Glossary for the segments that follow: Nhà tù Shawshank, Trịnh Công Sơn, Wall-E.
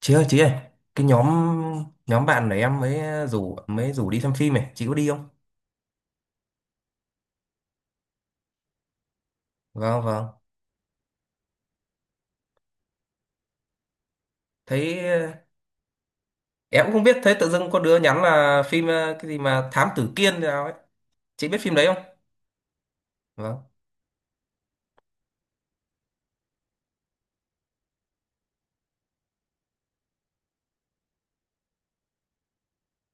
Chị ơi, chị ơi, cái nhóm, nhóm bạn này em mới rủ đi xem phim này, chị có đi không? Vâng, vâng. Thấy em cũng không biết, thấy tự dưng có đứa nhắn là phim cái gì mà Thám Tử Kiên thế nào ấy, chị biết phim đấy không? Vâng.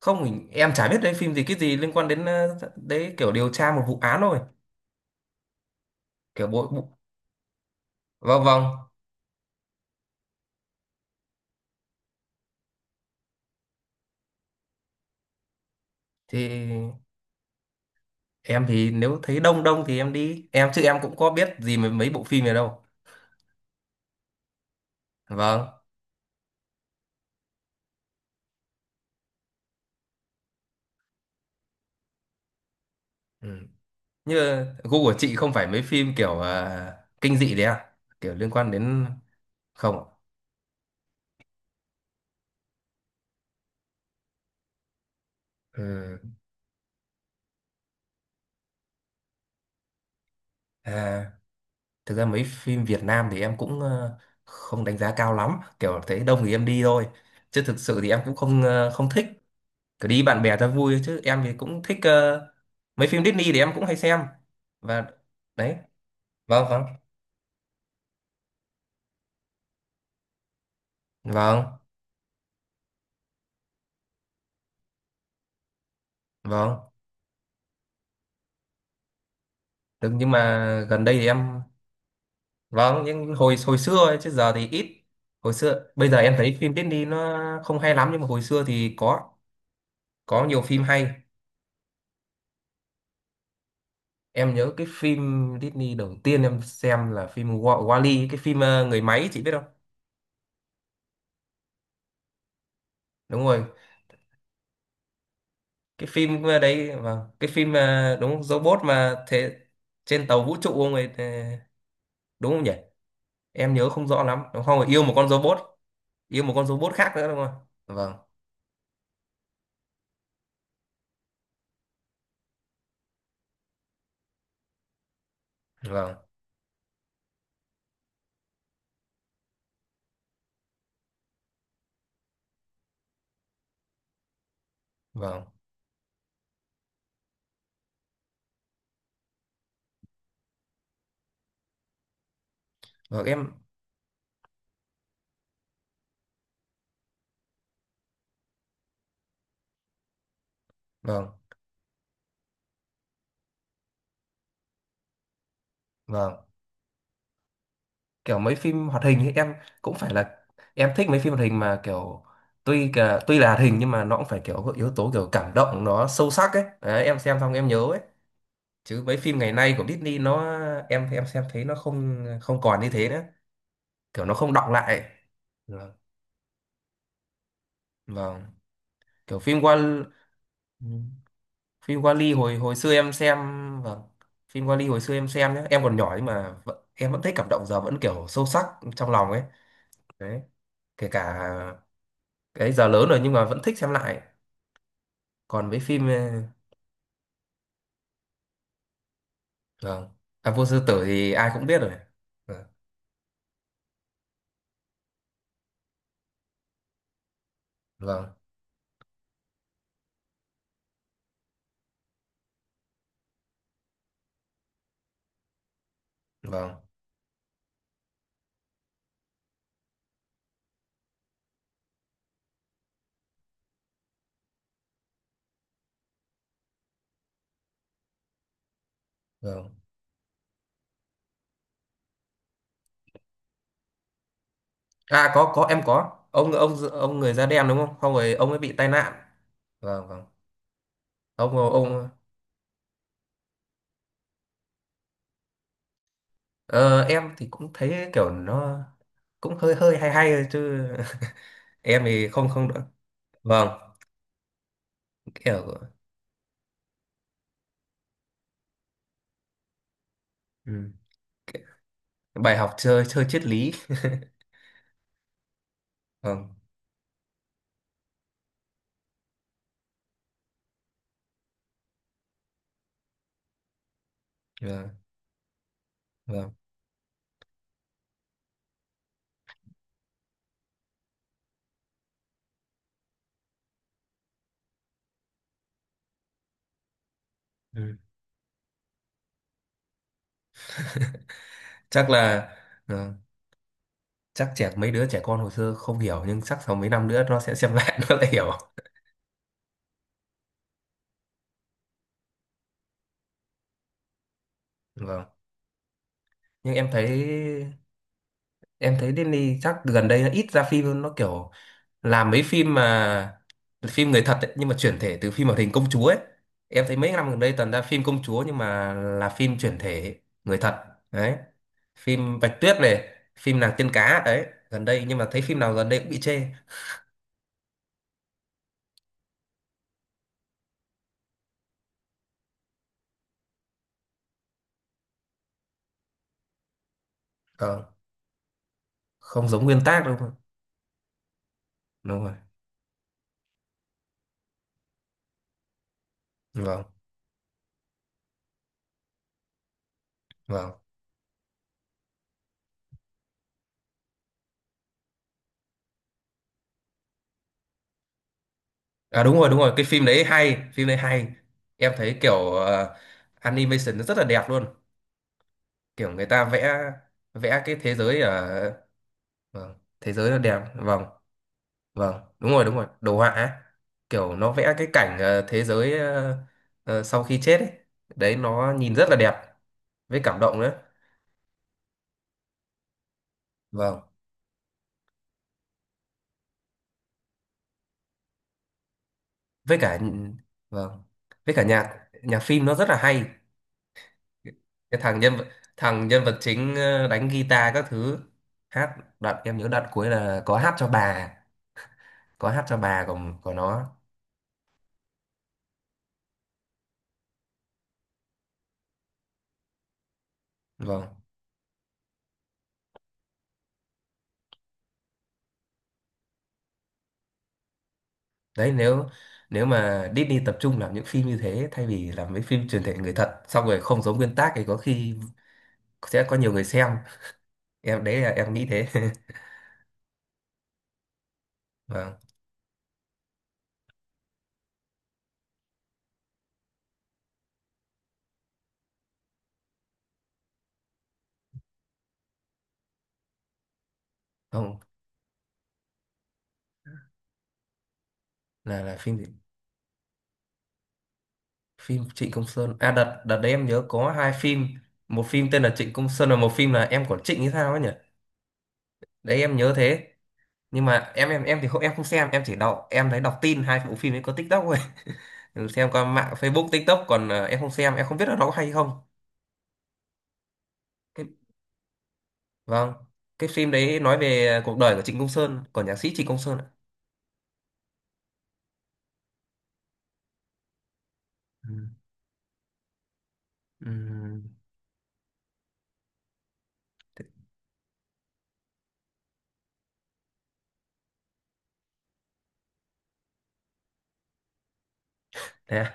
Không, em chả biết đấy phim gì, cái gì liên quan đến đấy, kiểu điều tra một vụ án thôi. Kiểu bộ. Vâng, vâng. Thì em thì nếu thấy đông đông thì em đi, em chứ em cũng có biết gì mấy mấy bộ phim này đâu. Vâng, ừ. Như gu của chị không phải mấy phim kiểu kinh dị đấy à, kiểu liên quan đến không ạ? Ừ. À, thực ra mấy phim Việt Nam thì em cũng không đánh giá cao lắm, kiểu thấy đông thì em đi thôi, chứ thực sự thì em cũng không không thích, cứ đi bạn bè cho vui thôi. Chứ em thì cũng thích mấy phim Disney thì em cũng hay xem và đấy. Vâng, vâng. Vâng, vâng. Đúng, nhưng mà gần đây thì em. Vâng, nhưng hồi hồi xưa ấy, chứ giờ thì ít. Hồi xưa, bây giờ em thấy phim Disney nó không hay lắm, nhưng mà hồi xưa thì có nhiều phim hay. Em nhớ cái phim Disney đầu tiên em xem là phim Wall-E, cái phim người máy, chị biết không? Đúng rồi, cái phim đấy, vâng, cái phim đúng robot mà thế trên tàu vũ trụ, ông ấy đúng không nhỉ? Em nhớ không rõ lắm. Đúng không? Yêu một con robot, yêu một con robot khác nữa đúng không? Vâng, vâng, vâng. Vâng em. Vâng. Vâng. Kiểu mấy phim hoạt hình ấy, em cũng phải là, em thích mấy phim hoạt hình mà kiểu tuy là hoạt hình nhưng mà nó cũng phải kiểu có yếu tố kiểu cảm động, nó sâu sắc ấy, đấy, em xem xong em nhớ ấy. Chứ mấy phim ngày nay của Disney nó, em xem thấy nó không, không còn như thế nữa, kiểu nó không đọng lại. Vâng. Vâng. Kiểu phim Wall. Ừ. Phim Wall-E hồi hồi xưa em xem, vâng. Phim Wall-E hồi xưa em xem nhé. Em còn nhỏ nhưng mà vẫn, em vẫn thấy cảm động, giờ vẫn kiểu sâu sắc trong lòng ấy. Đấy. Kể cả cái giờ lớn rồi nhưng mà vẫn thích xem lại, còn với phim vâng. À, vua sư tử thì ai cũng biết rồi. Vâng, vâng, vâng, vâng. À có, em có, ông người da đen đúng không, không, rồi ông ấy bị tai nạn. Vâng, vâng. Ông ông. Ờ, em thì cũng thấy kiểu nó cũng hơi hơi hay hay thôi chứ, em thì không, không được. Vâng, kiểu. Ừ. Bài học chơi chơi triết lý. Vâng, vâng, vâng. Ừ. Chắc là, ừ, chắc trẻ mấy đứa trẻ con hồi xưa không hiểu, nhưng chắc sau mấy năm nữa nó sẽ xem lại nó lại hiểu. Vâng, nhưng em thấy, em thấy Disney chắc gần đây nó ít ra phim hơn, nó kiểu làm mấy phim mà phim người thật ấy, nhưng mà chuyển thể từ phim hoạt hình công chúa ấy. Em thấy mấy năm gần đây toàn ra phim công chúa nhưng mà là phim chuyển thể người thật. Đấy, phim Bạch Tuyết này, phim nàng tiên cá đấy gần đây, nhưng mà thấy phim nào gần đây cũng bị chê. Ờ, không giống nguyên tác đâu, đúng rồi, đúng rồi. Vâng, vâng. À đúng rồi, cái phim đấy hay, phim đấy hay. Em thấy kiểu animation nó rất là đẹp luôn. Kiểu người ta vẽ, vẽ cái thế giới ở, vâng, thế giới nó đẹp. Vâng, vâng, đúng rồi, đồ họa ấy. Kiểu nó vẽ cái cảnh thế giới sau khi chết ấy. Đấy nó nhìn rất là đẹp, với cảm động nữa. Vâng, với cả, vâng, với cả nhạc, nhạc phim nó rất là hay. Cái thằng nhân vật, thằng nhân vật chính đánh guitar các thứ, hát đoạn em nhớ đoạn cuối là có hát cho bà, có hát cho bà của nó. Vâng. Đấy, nếu, nếu mà Disney tập trung làm những phim như thế thay vì làm mấy phim truyền thể người thật xong rồi không giống nguyên tác thì có khi sẽ có nhiều người xem. Em đấy là em nghĩ thế. Vâng. Không. Là là phim gì? Phim Trịnh Công Sơn à? Đợt đợt đấy em nhớ có hai phim, một phim tên là Trịnh Công Sơn và một phim là Em của Trịnh hay sao ấy nhỉ. Đấy em nhớ thế. Nhưng mà em thì không, em không xem, em chỉ đọc, em thấy đọc tin hai bộ phim ấy có TikTok thôi. Ừ, xem qua mạng Facebook TikTok còn em không xem, em không biết là nó có hay không. Cái, vâng, cái phim đấy nói về cuộc đời của Trịnh Công Sơn, của nhạc sĩ Trịnh Công Sơn ạ. Ừ. Ừ. Thế à?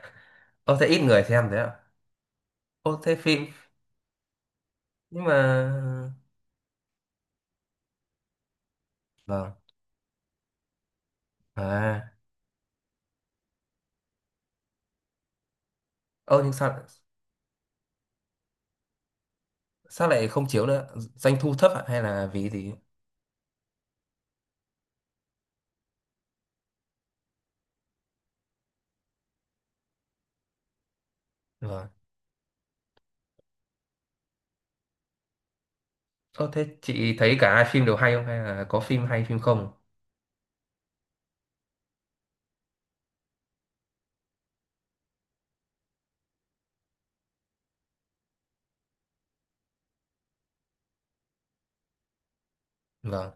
Ô thế ít người xem thế ạ? Ô thế phim, nhưng mà, vâng. À. Ô nhưng sao, sao lại không chiếu nữa? Doanh thu thấp ạ hay là vì gì? Vâng. Ô thế chị thấy cả hai phim đều hay không, hay là có phim hay phim không? Vâng,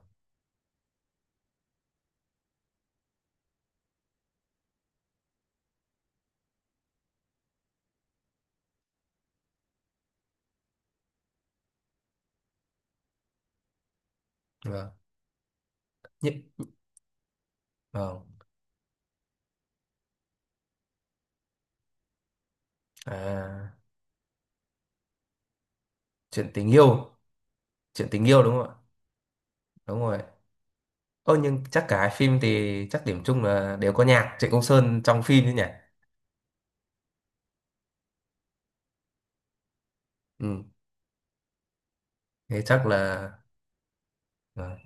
vâng. Như-. Vâng. À, chuyện tình yêu, chuyện tình yêu đúng không ạ? Đúng rồi. Ơ nhưng chắc cả hai phim thì chắc điểm chung là đều có nhạc Trịnh Công Sơn trong phim chứ nhỉ? Ừ. Thế chắc là, vâng.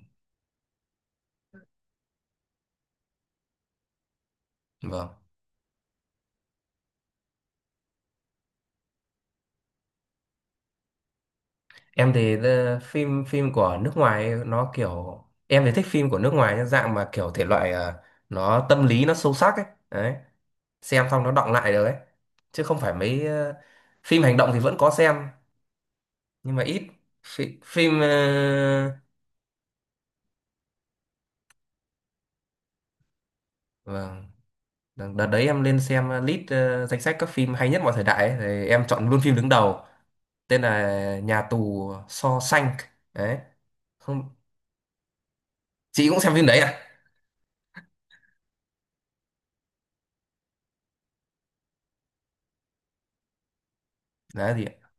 Vâng. Em thì phim, phim của nước ngoài ấy, nó kiểu em thì thích phim của nước ngoài, nhưng dạng mà kiểu thể loại nó tâm lý, nó sâu sắc ấy. Đấy, xem xong nó đọng lại được ấy. Chứ không phải mấy phim hành động thì vẫn có xem nhưng mà ít. Phim vâng. Đợt đấy em lên xem list danh sách các phim hay nhất mọi thời đại ấy, thì em chọn luôn phim đứng đầu, tên là Nhà tù Shawshank. Đấy. Không, chị cũng xem phim đấy à? Đấy gì ạ?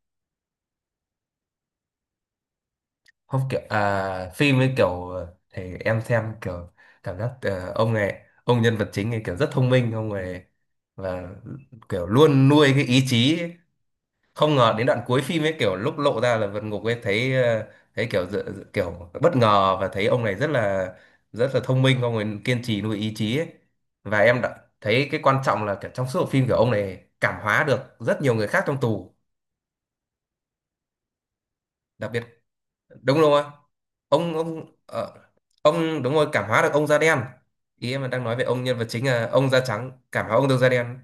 Không, kiểu phim ấy kiểu thì em xem kiểu cảm giác ông này, ông nhân vật chính ấy kiểu rất thông minh ông này, và kiểu luôn nuôi cái ý chí, không ngờ đến đoạn cuối phim ấy kiểu lúc lộ ra là vượt ngục ấy, thấy thấy kiểu kiểu bất ngờ và thấy ông này rất là, rất là thông minh, ông ấy kiên trì nuôi ý chí ấy. Và em đã thấy cái quan trọng là kiểu trong suốt bộ phim kiểu ông này cảm hóa được rất nhiều người khác trong tù. Đặc biệt đúng không ạ? Ông ông, đúng rồi, cảm hóa được ông da đen. Ý em đang nói về ông nhân vật chính là ông da trắng cảm hóa ông da đen.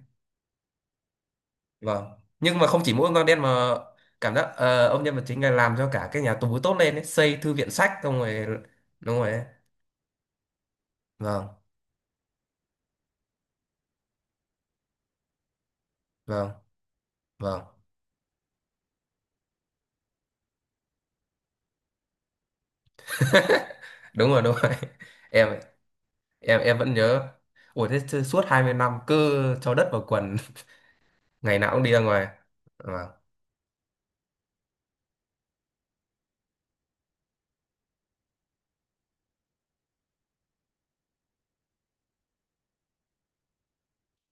Vâng, nhưng mà không chỉ mỗi ông Quang Đen mà cảm giác ông nhân vật chính này làm cho cả cái nhà tù tốt lên ấy, xây thư viện sách xong rồi. Đúng rồi ấy. Vâng, vâng, vâng. Đúng rồi, đúng rồi. Em, em vẫn nhớ. Ủa thế chứ suốt 20 năm cứ cho đất vào quần ngày nào cũng đi ra ngoài. Vâng.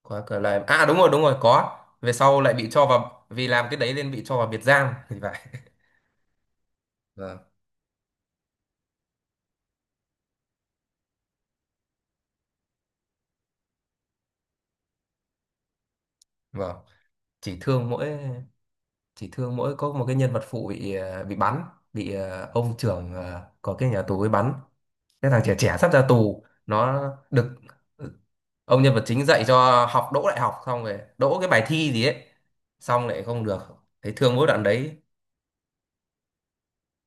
Có cửa lại à, đúng rồi, đúng rồi, có, về sau lại bị cho vào vì làm cái đấy nên bị cho vào biệt giam thì phải. Vâng, vâng. Chỉ thương mỗi, chị thương mỗi có một cái nhân vật phụ bị bị bắn, bị ông trưởng có cái nhà tù ấy bắn. Cái thằng trẻ trẻ sắp ra tù nó được, ừ, ông nhân vật chính dạy cho học đỗ đại học xong rồi đỗ cái bài thi gì ấy, xong lại không được, thấy thương mỗi đoạn đấy.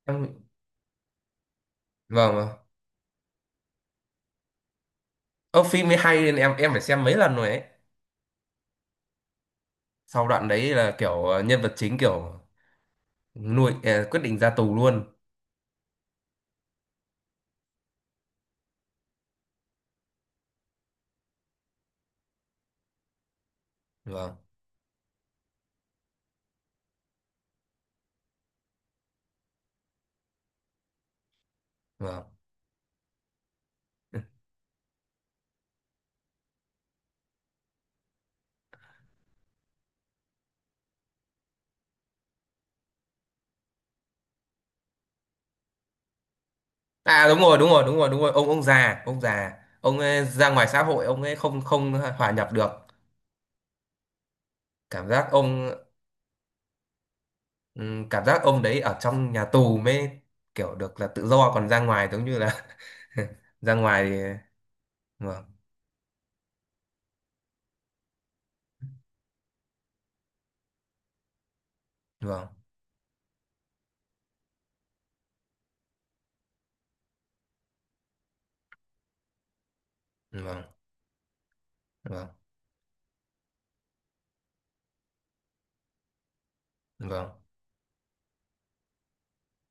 Em. Vâng, vâng. Ông phim mới hay nên em phải xem mấy lần rồi ấy. Sau đoạn đấy là kiểu nhân vật chính kiểu nuôi quyết định ra tù luôn. Vâng, vâng. À đúng rồi, đúng rồi, đúng rồi, đúng rồi. Ông già, ông già, ông ấy ra ngoài xã hội ông ấy không, không hòa nhập được. Cảm giác ông, cảm giác ông đấy ở trong nhà tù mới kiểu được là tự do, còn ra ngoài giống như là ra ngoài thì... Vâng, vâng, vâng, vâng, vâng,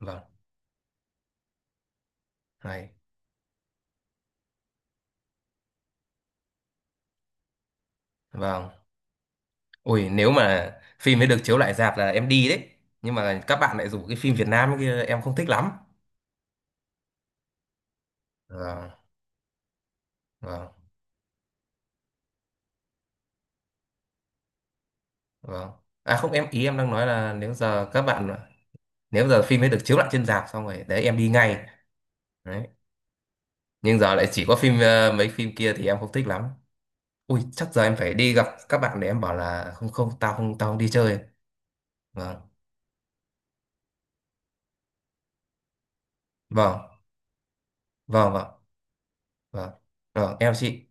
vâng, hay. Vâng. Ui nếu mà phim ấy được chiếu lại rạp là em đi đấy. Nhưng mà các bạn lại rủ cái phim Việt Nam kia em không thích lắm. Vâng, vâng, vâng. À không, em ý em đang nói là nếu giờ các bạn, nếu giờ phim ấy được chiếu lại trên rạp xong rồi đấy em đi ngay. Đấy, nhưng giờ lại chỉ có phim mấy phim kia thì em không thích lắm. Ui chắc giờ em phải đi gặp các bạn để em bảo là không, không, tao không, tao không đi chơi. Vâng, vâng, vâng, vâng, vâng, vâng. Em chào chị.